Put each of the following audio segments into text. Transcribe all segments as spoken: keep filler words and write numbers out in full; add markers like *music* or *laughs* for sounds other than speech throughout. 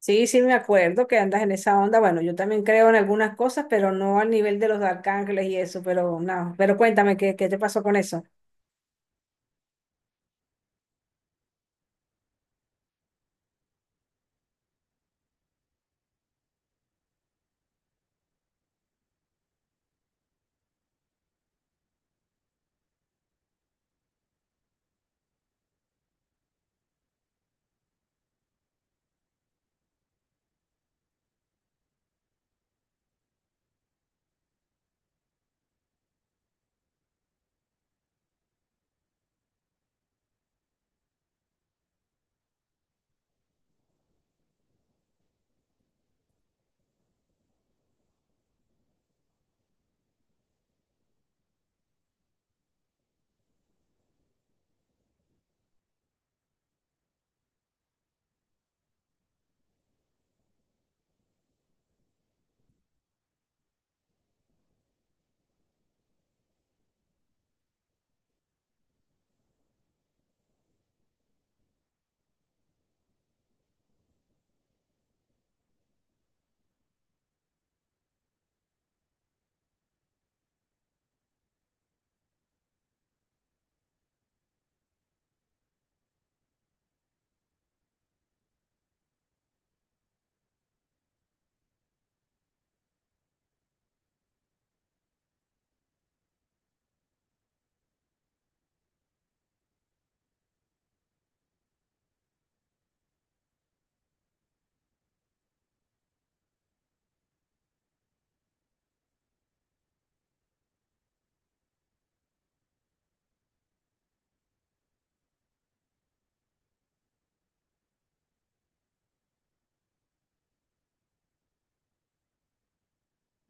Sí, sí, me acuerdo que andas en esa onda. Bueno, yo también creo en algunas cosas, pero no al nivel de los arcángeles y eso, pero no. Pero cuéntame, ¿qué, qué te pasó con eso?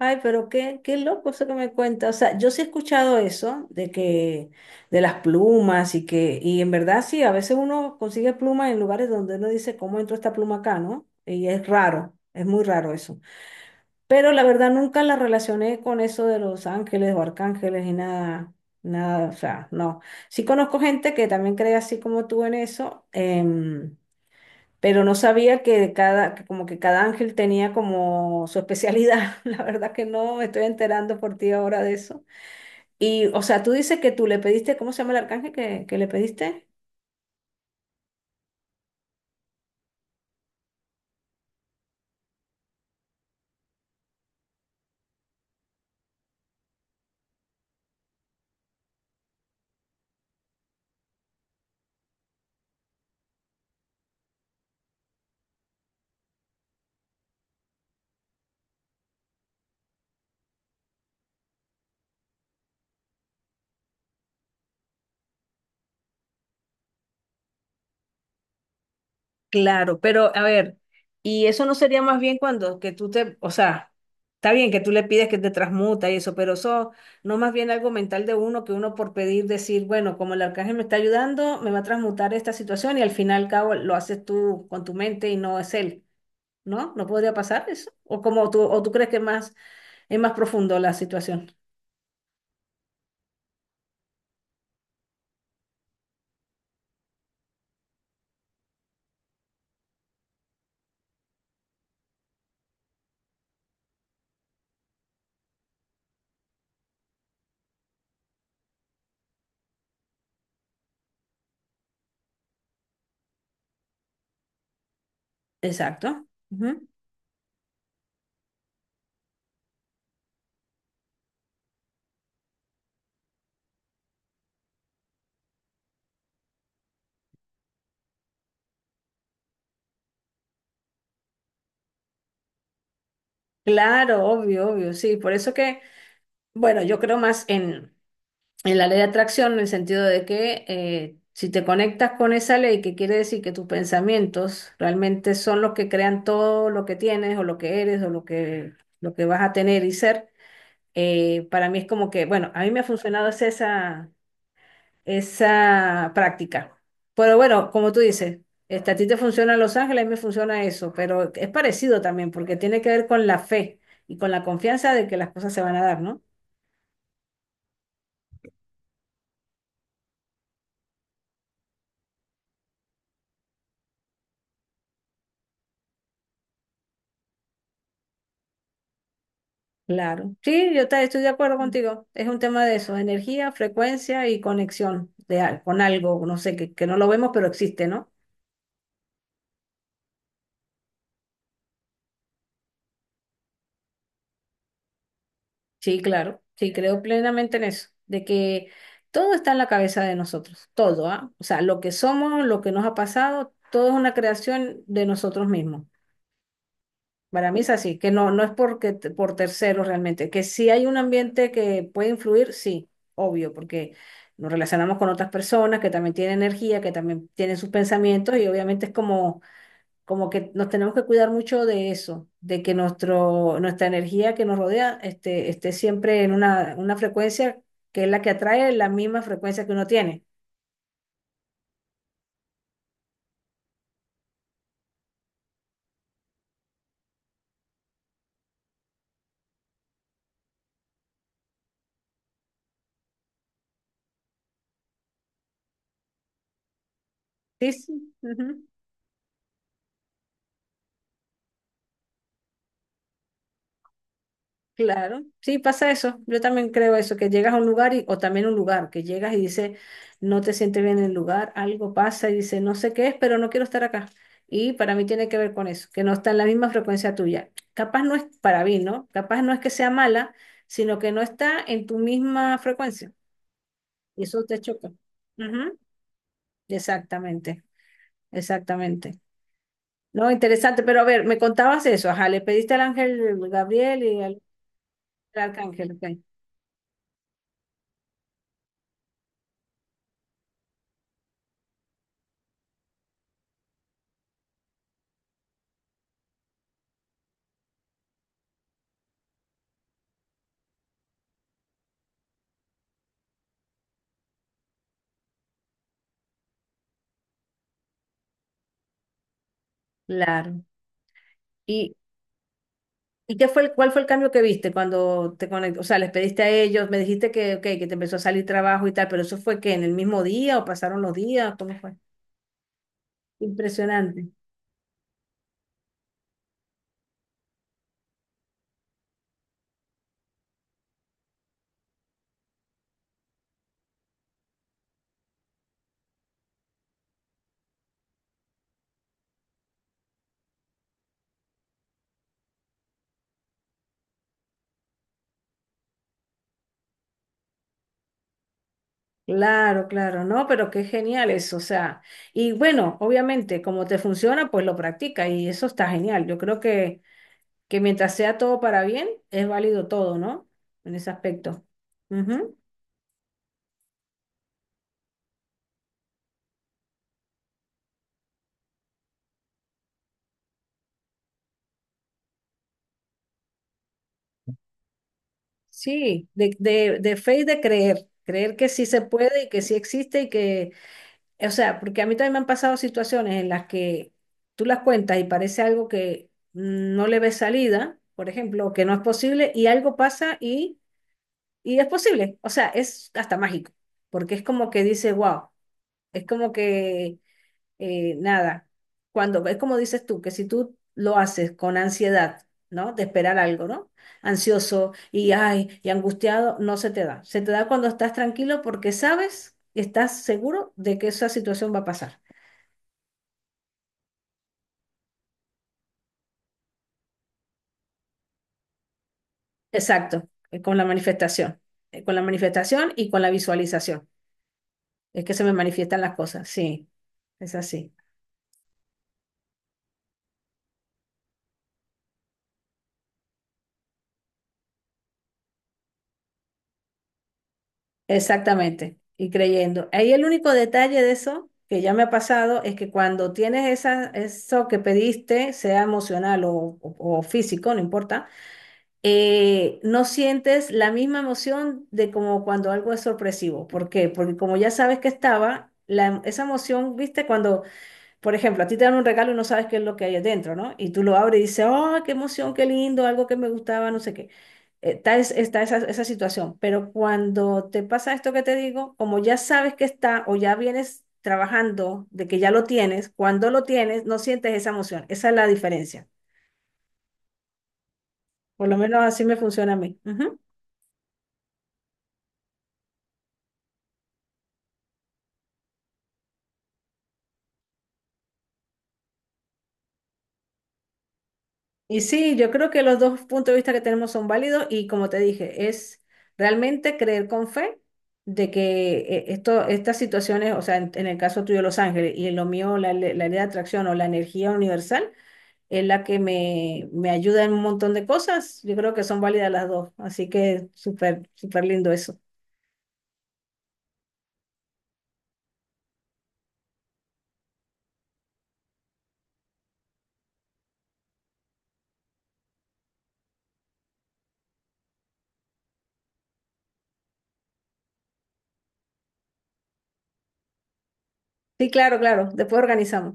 Ay, pero qué, qué loco eso que me cuentas. O sea, yo sí he escuchado eso de que, de las plumas y que, y en verdad sí, a veces uno consigue plumas en lugares donde uno dice, ¿cómo entró esta pluma acá, no? Y es raro, es muy raro eso. Pero la verdad nunca la relacioné con eso de los ángeles o arcángeles y nada, nada, o sea, no. Sí conozco gente que también cree así como tú en eso, em, pero no sabía que de cada, que como que cada ángel tenía como su especialidad. *laughs* La verdad que no, me estoy enterando por ti ahora de eso. Y, o sea, tú dices que tú le pediste, ¿cómo se llama el arcángel que, que le pediste? Claro, pero a ver, y eso no sería más bien cuando que tú te, o sea, está bien que tú le pides que te transmuta y eso, pero eso no más bien algo mental de uno que uno por pedir decir, bueno, como el arcángel me está ayudando, me va a transmutar esta situación y al final cabo lo haces tú con tu mente y no es él, ¿no? ¿No podría pasar eso? O como tú, o tú crees que más es más profundo la situación. Exacto. Ujú. Claro, obvio, obvio, sí, por eso que, bueno, yo creo más en en la ley de atracción, en el sentido de que eh, si te conectas con esa ley, que quiere decir que tus pensamientos realmente son los que crean todo lo que tienes o lo que eres o lo que, lo que vas a tener y ser, eh, para mí es como que, bueno, a mí me ha funcionado es esa, esa práctica. Pero bueno, como tú dices, este, a ti te funciona Los Ángeles, a mí me funciona eso, pero es parecido también porque tiene que ver con la fe y con la confianza de que las cosas se van a dar, ¿no? Claro. Sí, yo ta- estoy de acuerdo. Mm. Contigo. Es un tema de eso, energía, frecuencia y conexión de, al- con algo, no sé, que, que no lo vemos, pero existe, ¿no? Sí, claro. Sí, creo plenamente en eso, de que todo está en la cabeza de nosotros, todo, ¿ah? O sea, lo que somos, lo que nos ha pasado, todo es una creación de nosotros mismos. Para mí es así, que no, no es porque te- por terceros realmente, que si hay un ambiente que puede influir, sí, obvio, porque nos relacionamos con otras personas que también tienen energía, que también tienen sus pensamientos y obviamente es como, como que nos tenemos que cuidar mucho de eso, de que nuestro, nuestra energía que nos rodea esté, esté siempre en una, una frecuencia que es la que atrae la misma frecuencia que uno tiene. Sí, sí. Claro, sí, pasa eso. Yo también creo eso, que llegas a un lugar y, o también un lugar, que llegas y dices, no te sientes bien en el lugar, algo pasa y dices, no sé qué es, pero no quiero estar acá. Y para mí tiene que ver con eso, que no está en la misma frecuencia tuya. Capaz no es para mí, ¿no? Capaz no es que sea mala, sino que no está en tu misma frecuencia. Y eso te choca. Ujú. Exactamente, exactamente. No, interesante, pero a ver, me contabas eso, ajá, le pediste al ángel Gabriel y al, al arcángel, ok. Claro. Y ¿y qué fue el, cuál fue el cambio que viste cuando te conectaste? O sea, les pediste a ellos, me dijiste que, ok, que te empezó a salir trabajo y tal, pero eso fue que en el mismo día o pasaron los días, ¿cómo fue? Impresionante. Claro, claro, no, pero qué genial eso, o sea, y bueno, obviamente, como te funciona, pues lo practica y eso está genial. Yo creo que, que mientras sea todo para bien, es válido todo, ¿no? En ese aspecto. Ujú. Sí, de, de, de fe y de creer, creer que sí se puede y que sí existe y que o sea, porque a mí también me han pasado situaciones en las que tú las cuentas y parece algo que mm, no le ves salida, por ejemplo, o que no es posible, y algo pasa y, y es posible. O sea, es hasta mágico, porque es como que dice, wow, es como que eh, nada, cuando es como dices tú, que si tú lo haces con ansiedad, ¿no? De esperar algo, ¿no? Ansioso y, ay, y angustiado, no se te da. Se te da cuando estás tranquilo porque sabes, estás seguro de que esa situación va a pasar. Exacto, eh, con la manifestación, eh, con la manifestación y con la visualización. Es que se me manifiestan las cosas, sí, es así, exactamente, y creyendo. Ahí el único detalle de eso que ya me ha pasado es que cuando tienes esa, eso que pediste, sea emocional o, o- o físico, no importa, eh, no sientes la misma emoción de como cuando algo es sorpresivo. ¿Por qué? Porque como ya sabes que estaba, la em- esa emoción, viste, cuando... Por ejemplo, a ti te dan un regalo y no sabes qué es lo que hay adentro, ¿no? Y tú lo abres y dices, ¡oh, qué emoción, qué lindo, algo que me gustaba, no sé qué! Eh, Está, es- está esa, esa situación. Pero cuando te pasa esto que te digo, como ya sabes que está o ya vienes trabajando de que ya lo tienes, cuando lo tienes, no sientes esa emoción. Esa es la diferencia. Por lo menos así me funciona a mí. Ujú. Y sí, yo creo que los dos puntos de vista que tenemos son válidos y como te dije, es realmente creer con fe de que eh, esto, estas situaciones, o sea, en, en el caso tuyo Los Ángeles y en lo mío la, le- la ley de atracción o la energía universal es la que me, me ayuda en un montón de cosas, yo creo que son válidas las dos, así que súper, súper lindo eso. Sí, claro, claro, después organizamos.